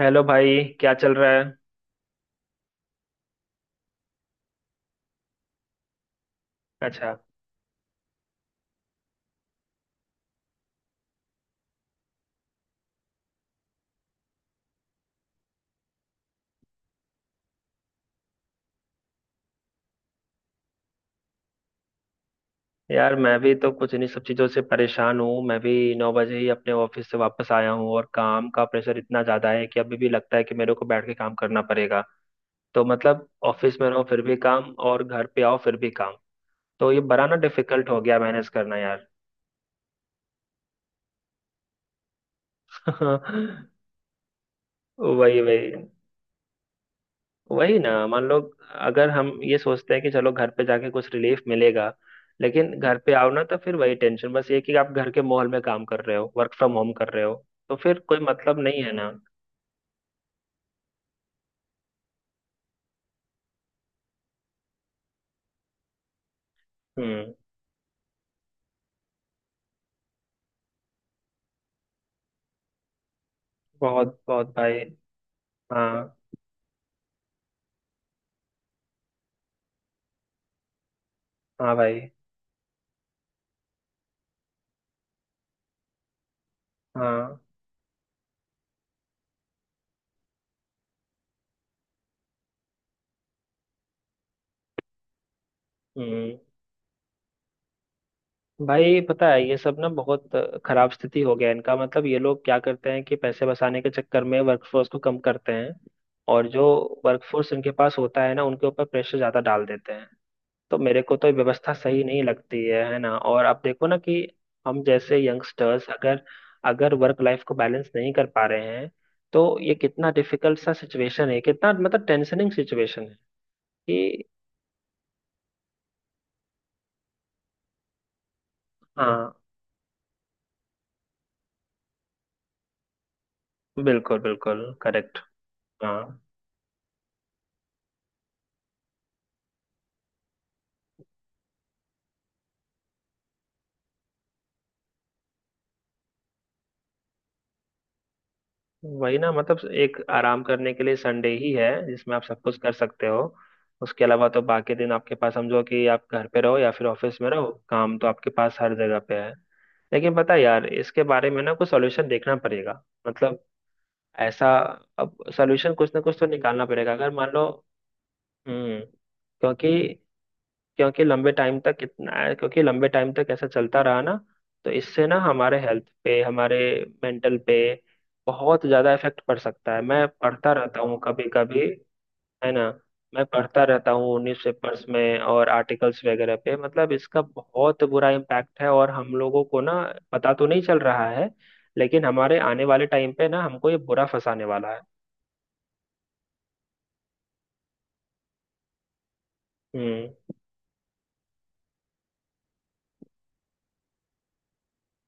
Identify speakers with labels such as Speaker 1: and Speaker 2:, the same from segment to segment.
Speaker 1: Hello भाई, क्या चल रहा है? अच्छा। यार, मैं भी तो कुछ इन्हीं सब चीज़ों से परेशान हूँ। मैं भी 9 बजे ही अपने ऑफिस से वापस आया हूँ और काम का प्रेशर इतना ज़्यादा है कि अभी भी लगता है कि मेरे को बैठ के काम करना पड़ेगा। तो मतलब ऑफिस में रहो फिर भी काम, और घर पे आओ फिर भी काम। तो ये बड़ा ना डिफिकल्ट हो गया मैनेज करना यार। वही, वही। वही ना, मान लो, अगर हम ये सोचते हैं कि चलो घर पे जाके कुछ रिलीफ मिलेगा, लेकिन घर पे आओ ना तो फिर वही टेंशन, बस ये कि आप घर के माहौल में काम कर रहे हो, वर्क फ्रॉम होम कर रहे हो। तो फिर कोई मतलब नहीं है ना। हम्म। बहुत बहुत भाई। हाँ। हाँ भाई। हाँ। हम्म। भाई पता है ये सब ना बहुत खराब स्थिति हो गया है। इनका मतलब ये लोग क्या करते हैं कि पैसे बचाने के चक्कर में वर्कफोर्स को कम करते हैं। और जो वर्कफोर्स इनके पास होता है ना, उनके ऊपर प्रेशर ज्यादा डाल देते हैं। तो मेरे को तो ये व्यवस्था सही नहीं लगती है ना। और आप देखो ना कि हम जैसे यंगस्टर्स अगर अगर वर्क लाइफ को बैलेंस नहीं कर पा रहे हैं, तो ये कितना डिफिकल्ट सा सिचुएशन है, कितना मतलब टेंशनिंग सिचुएशन है कि। हाँ, बिल्कुल बिल्कुल करेक्ट। हाँ। वही ना, मतलब एक आराम करने के लिए संडे ही है जिसमें आप सब कुछ कर सकते हो। उसके अलावा तो बाकी दिन आपके पास समझो कि आप घर पे रहो या फिर ऑफिस में रहो, काम तो आपके पास हर जगह पे है। लेकिन पता है यार, इसके बारे में ना कुछ सॉल्यूशन देखना पड़ेगा। मतलब ऐसा, अब सॉल्यूशन कुछ ना कुछ तो निकालना पड़ेगा, अगर मान लो। हम्म। क्योंकि क्योंकि लंबे टाइम तक कितना क्योंकि लंबे टाइम तक ऐसा चलता रहा ना, तो इससे ना हमारे हेल्थ पे, हमारे मेंटल पे बहुत ज्यादा इफेक्ट पड़ सकता है। मैं पढ़ता रहता हूँ कभी कभी, है ना। मैं पढ़ता रहता हूँ न्यूज़पेपर्स में और आर्टिकल्स वगैरह पे, मतलब इसका बहुत बुरा इम्पैक्ट है, और हम लोगों को ना पता तो नहीं चल रहा है, लेकिन हमारे आने वाले टाइम पे ना हमको ये बुरा फंसाने वाला है। हम्म।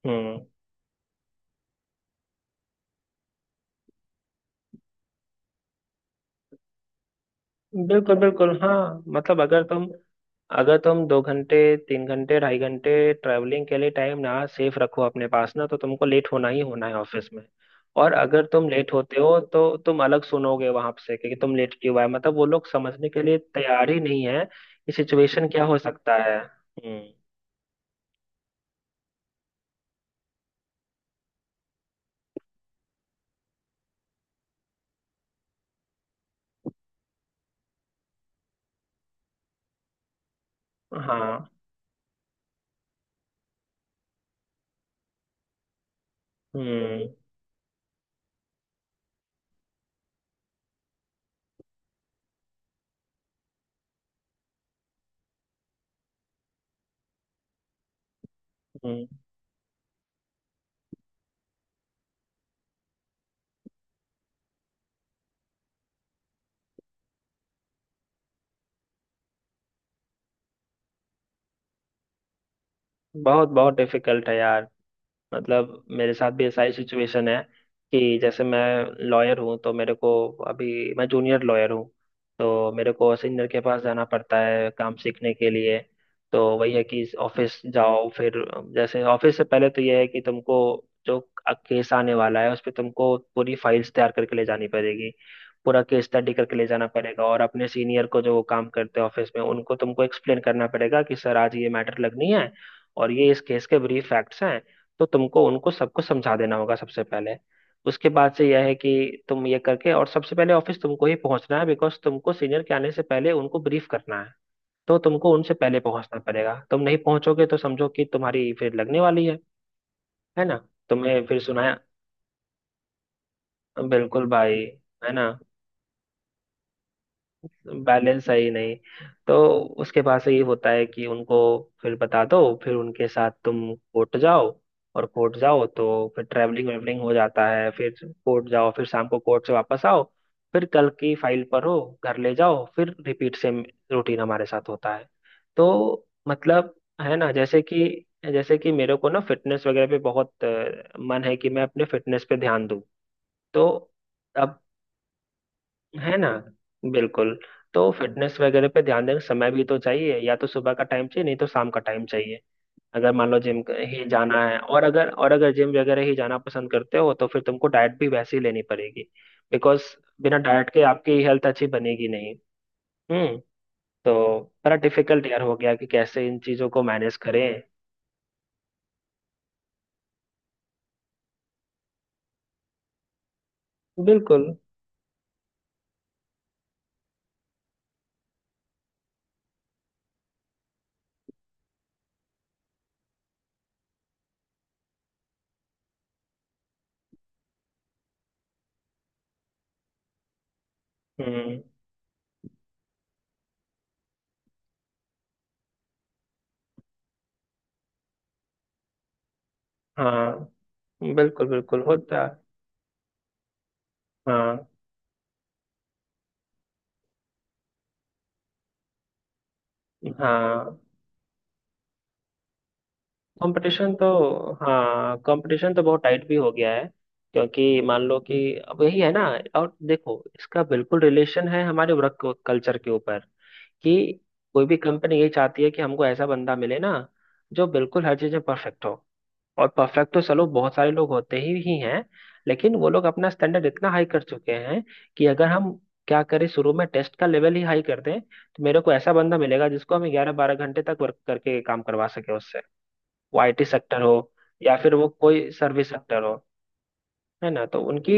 Speaker 1: हम्म। बिल्कुल बिल्कुल। हाँ, मतलब अगर तुम 2 घंटे, 3 घंटे, 2.5 घंटे ट्रैवलिंग के लिए टाइम ना सेफ रखो अपने पास ना, तो तुमको लेट होना ही होना है ऑफिस में। और अगर तुम लेट होते हो, तो तुम अलग सुनोगे वहां से कि तुम लेट क्यों आए, मतलब वो लोग समझने के लिए तैयार ही नहीं है कि सिचुएशन क्या हो सकता है। हम्म। हाँ। हम्म। हम्म। बहुत बहुत डिफिकल्ट है यार। मतलब मेरे साथ भी ऐसा ही सिचुएशन है कि जैसे मैं लॉयर हूँ, तो मेरे को, अभी मैं जूनियर लॉयर हूँ तो मेरे को सीनियर के पास जाना पड़ता है काम सीखने के लिए। तो वही है कि ऑफिस जाओ फिर, जैसे ऑफिस से पहले तो यह है कि तुमको जो केस आने वाला है उस पर तुमको पूरी फाइल्स तैयार करके ले जानी पड़ेगी। पूरा केस स्टडी करके ले जाना पड़ेगा और अपने सीनियर को, जो काम करते हैं ऑफिस में, उनको तुमको एक्सप्लेन करना पड़ेगा कि सर आज ये मैटर लगनी है और ये इस केस के ब्रीफ फैक्ट्स हैं। तो तुमको उनको सबको समझा देना होगा सबसे पहले। उसके बाद से यह है कि तुम ये करके, और सबसे पहले ऑफिस तुमको ही पहुंचना है बिकॉज तुमको सीनियर के आने से पहले उनको ब्रीफ करना है। तो तुमको उनसे पहले पहुंचना पड़ेगा, तुम नहीं पहुंचोगे तो समझो कि तुम्हारी फिर लगने वाली है ना। तुम्हें फिर सुनाया। बिल्कुल भाई, है ना। बैलेंस है ही नहीं। तो उसके पास से ये होता है कि उनको फिर बता दो, फिर उनके साथ तुम कोर्ट जाओ, और कोर्ट जाओ तो फिर ट्रैवलिंग वेवलिंग हो जाता है फिर। कोर्ट जाओ, फिर शाम को कोर्ट से वापस आओ, फिर कल की फाइल पर हो, घर ले जाओ, फिर रिपीट सेम रूटीन हमारे साथ होता है। तो मतलब, है ना, जैसे कि मेरे को ना फिटनेस वगैरह पे बहुत मन है कि मैं अपने फिटनेस पे ध्यान दूं। तो अब, है ना, बिल्कुल। तो फिटनेस वगैरह पे ध्यान देना समय भी तो चाहिए, या तो सुबह का टाइम चाहिए नहीं तो शाम का टाइम चाहिए। अगर मान लो जिम ही जाना है, और अगर जिम वगैरह ही जाना पसंद करते हो तो फिर तुमको डाइट भी वैसे ही लेनी पड़ेगी, बिकॉज बिना डाइट के आपकी हेल्थ अच्छी बनेगी नहीं। हम्म। तो बड़ा डिफिकल्ट यार हो गया कि कैसे इन चीजों को मैनेज करें। बिल्कुल। हम्म। हाँ, बिल्कुल बिल्कुल होता। हाँ। हाँ। कंपटीशन तो हाँ, कंपटीशन तो बहुत टाइट भी हो गया है। क्योंकि मान लो कि अब यही है ना। और देखो इसका बिल्कुल रिलेशन है हमारे वर्क कल्चर के ऊपर कि कोई भी कंपनी यही चाहती है कि हमको ऐसा बंदा मिले ना जो बिल्कुल हर चीज में परफेक्ट हो। और परफेक्ट तो चलो बहुत सारे लोग होते ही हैं, लेकिन वो लोग अपना स्टैंडर्ड इतना हाई कर चुके हैं कि अगर हम क्या करें शुरू में टेस्ट का लेवल ही हाई कर दें, तो मेरे को ऐसा बंदा मिलेगा जिसको हम 11-12 घंटे तक वर्क करके काम करवा सके। वो आईटी सेक्टर हो या फिर वो कोई सर्विस सेक्टर हो, है ना। तो उनकी।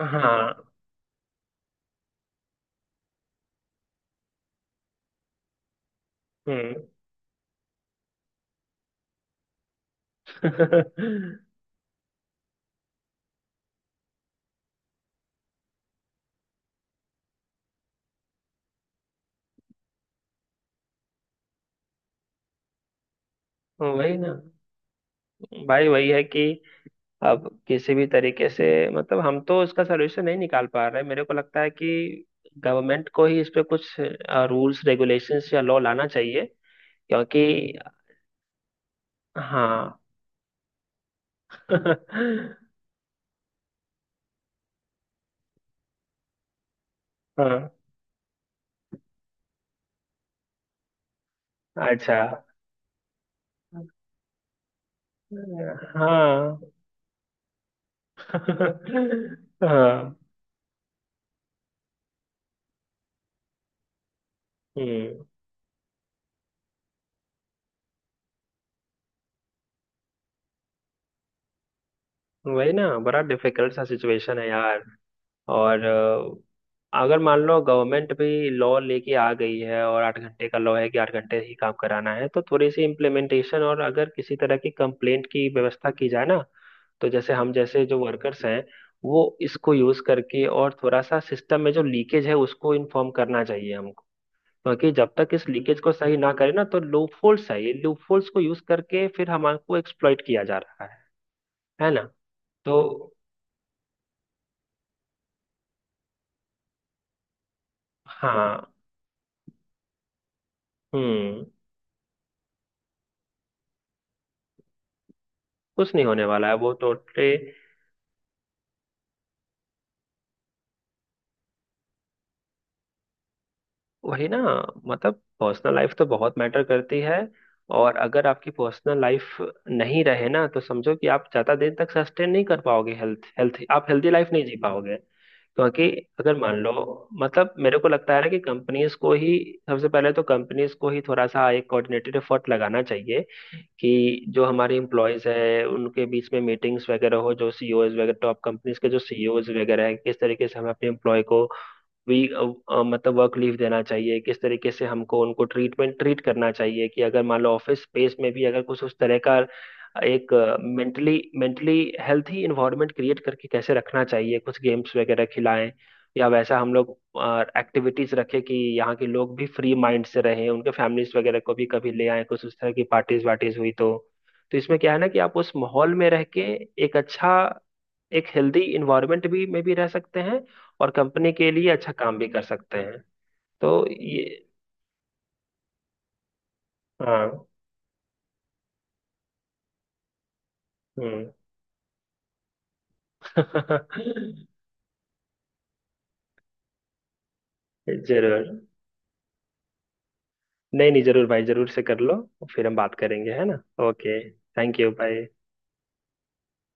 Speaker 1: हाँ। हम्म। वही ना भाई, वही है कि अब किसी भी तरीके से, मतलब हम तो इसका सोल्यूशन नहीं निकाल पा रहे। मेरे को लगता है कि गवर्नमेंट को ही इस पे कुछ रूल्स रेगुलेशंस या लॉ लाना चाहिए क्योंकि। हाँ। हाँ। अच्छा। हाँ। हाँ। हम्म। वही ना, बड़ा डिफिकल्ट सा सिचुएशन है यार। और अगर मान लो गवर्नमेंट भी लॉ लेके आ गई है और 8 घंटे का लॉ है कि 8 घंटे ही काम कराना है, तो थोड़ी सी इम्प्लीमेंटेशन और अगर किसी तरह की कंप्लेंट की व्यवस्था की जाए ना, तो जैसे हम, जैसे जो वर्कर्स हैं, वो इसको यूज करके और थोड़ा सा सिस्टम में जो लीकेज है उसको इन्फॉर्म करना चाहिए हमको। क्योंकि जब तक इस लीकेज को सही ना करें ना, तो लूपहोल्स है, ये लूपहोल्स को यूज करके फिर हमको एक्सप्लॉइट किया जा रहा है ना। तो हाँ। हम्म। कुछ नहीं होने वाला है वो टोटली। वही ना, मतलब पर्सनल लाइफ तो बहुत मैटर करती है, और अगर आपकी पर्सनल लाइफ नहीं रहे ना, तो समझो कि आप ज्यादा दिन तक सस्टेन नहीं कर पाओगे, हेल्थ हेल्थ आप हेल्दी लाइफ नहीं जी पाओगे क्योंकि अगर मान लो, मतलब मेरे को लगता है ना कि कंपनीज को ही, सबसे पहले तो कंपनीज को ही थोड़ा सा एक कोऑर्डिनेटेड एफर्ट लगाना चाहिए कि जो हमारे एम्प्लॉयज हैं उनके बीच में मीटिंग्स वगैरह हो, जो सीईओज वगैरह टॉप कंपनीज के जो सीईओज वगैरह हैं, किस तरीके से हमें अपने एम्प्लॉय को वी मतलब वर्क लीव देना चाहिए, किस तरीके से हमको उनको ट्रीट करना चाहिए। कि अगर मान लो ऑफिस स्पेस में भी अगर कुछ उस तरह का एक mentally mentally healthy environment create करके कैसे रखना चाहिए, कुछ गेम्स वगैरह खिलाएं, या वैसा हम लोग एक्टिविटीज रखें कि यहाँ के लोग भी फ्री माइंड से रहें, उनके फैमिलीज वगैरह को भी कभी ले आएं, कुछ उस तरह की पार्टीज वार्टीज हुई तो। तो इसमें क्या है ना कि आप उस माहौल में रह के एक अच्छा एक हेल्दी इन्वायरमेंट भी में भी रह सकते हैं और कंपनी के लिए अच्छा काम भी कर सकते हैं। तो ये। हाँ। हम्म। जरूर। नहीं नहीं, जरूर भाई, जरूर से कर लो, फिर हम बात करेंगे, है ना। Okay, thank you, bye.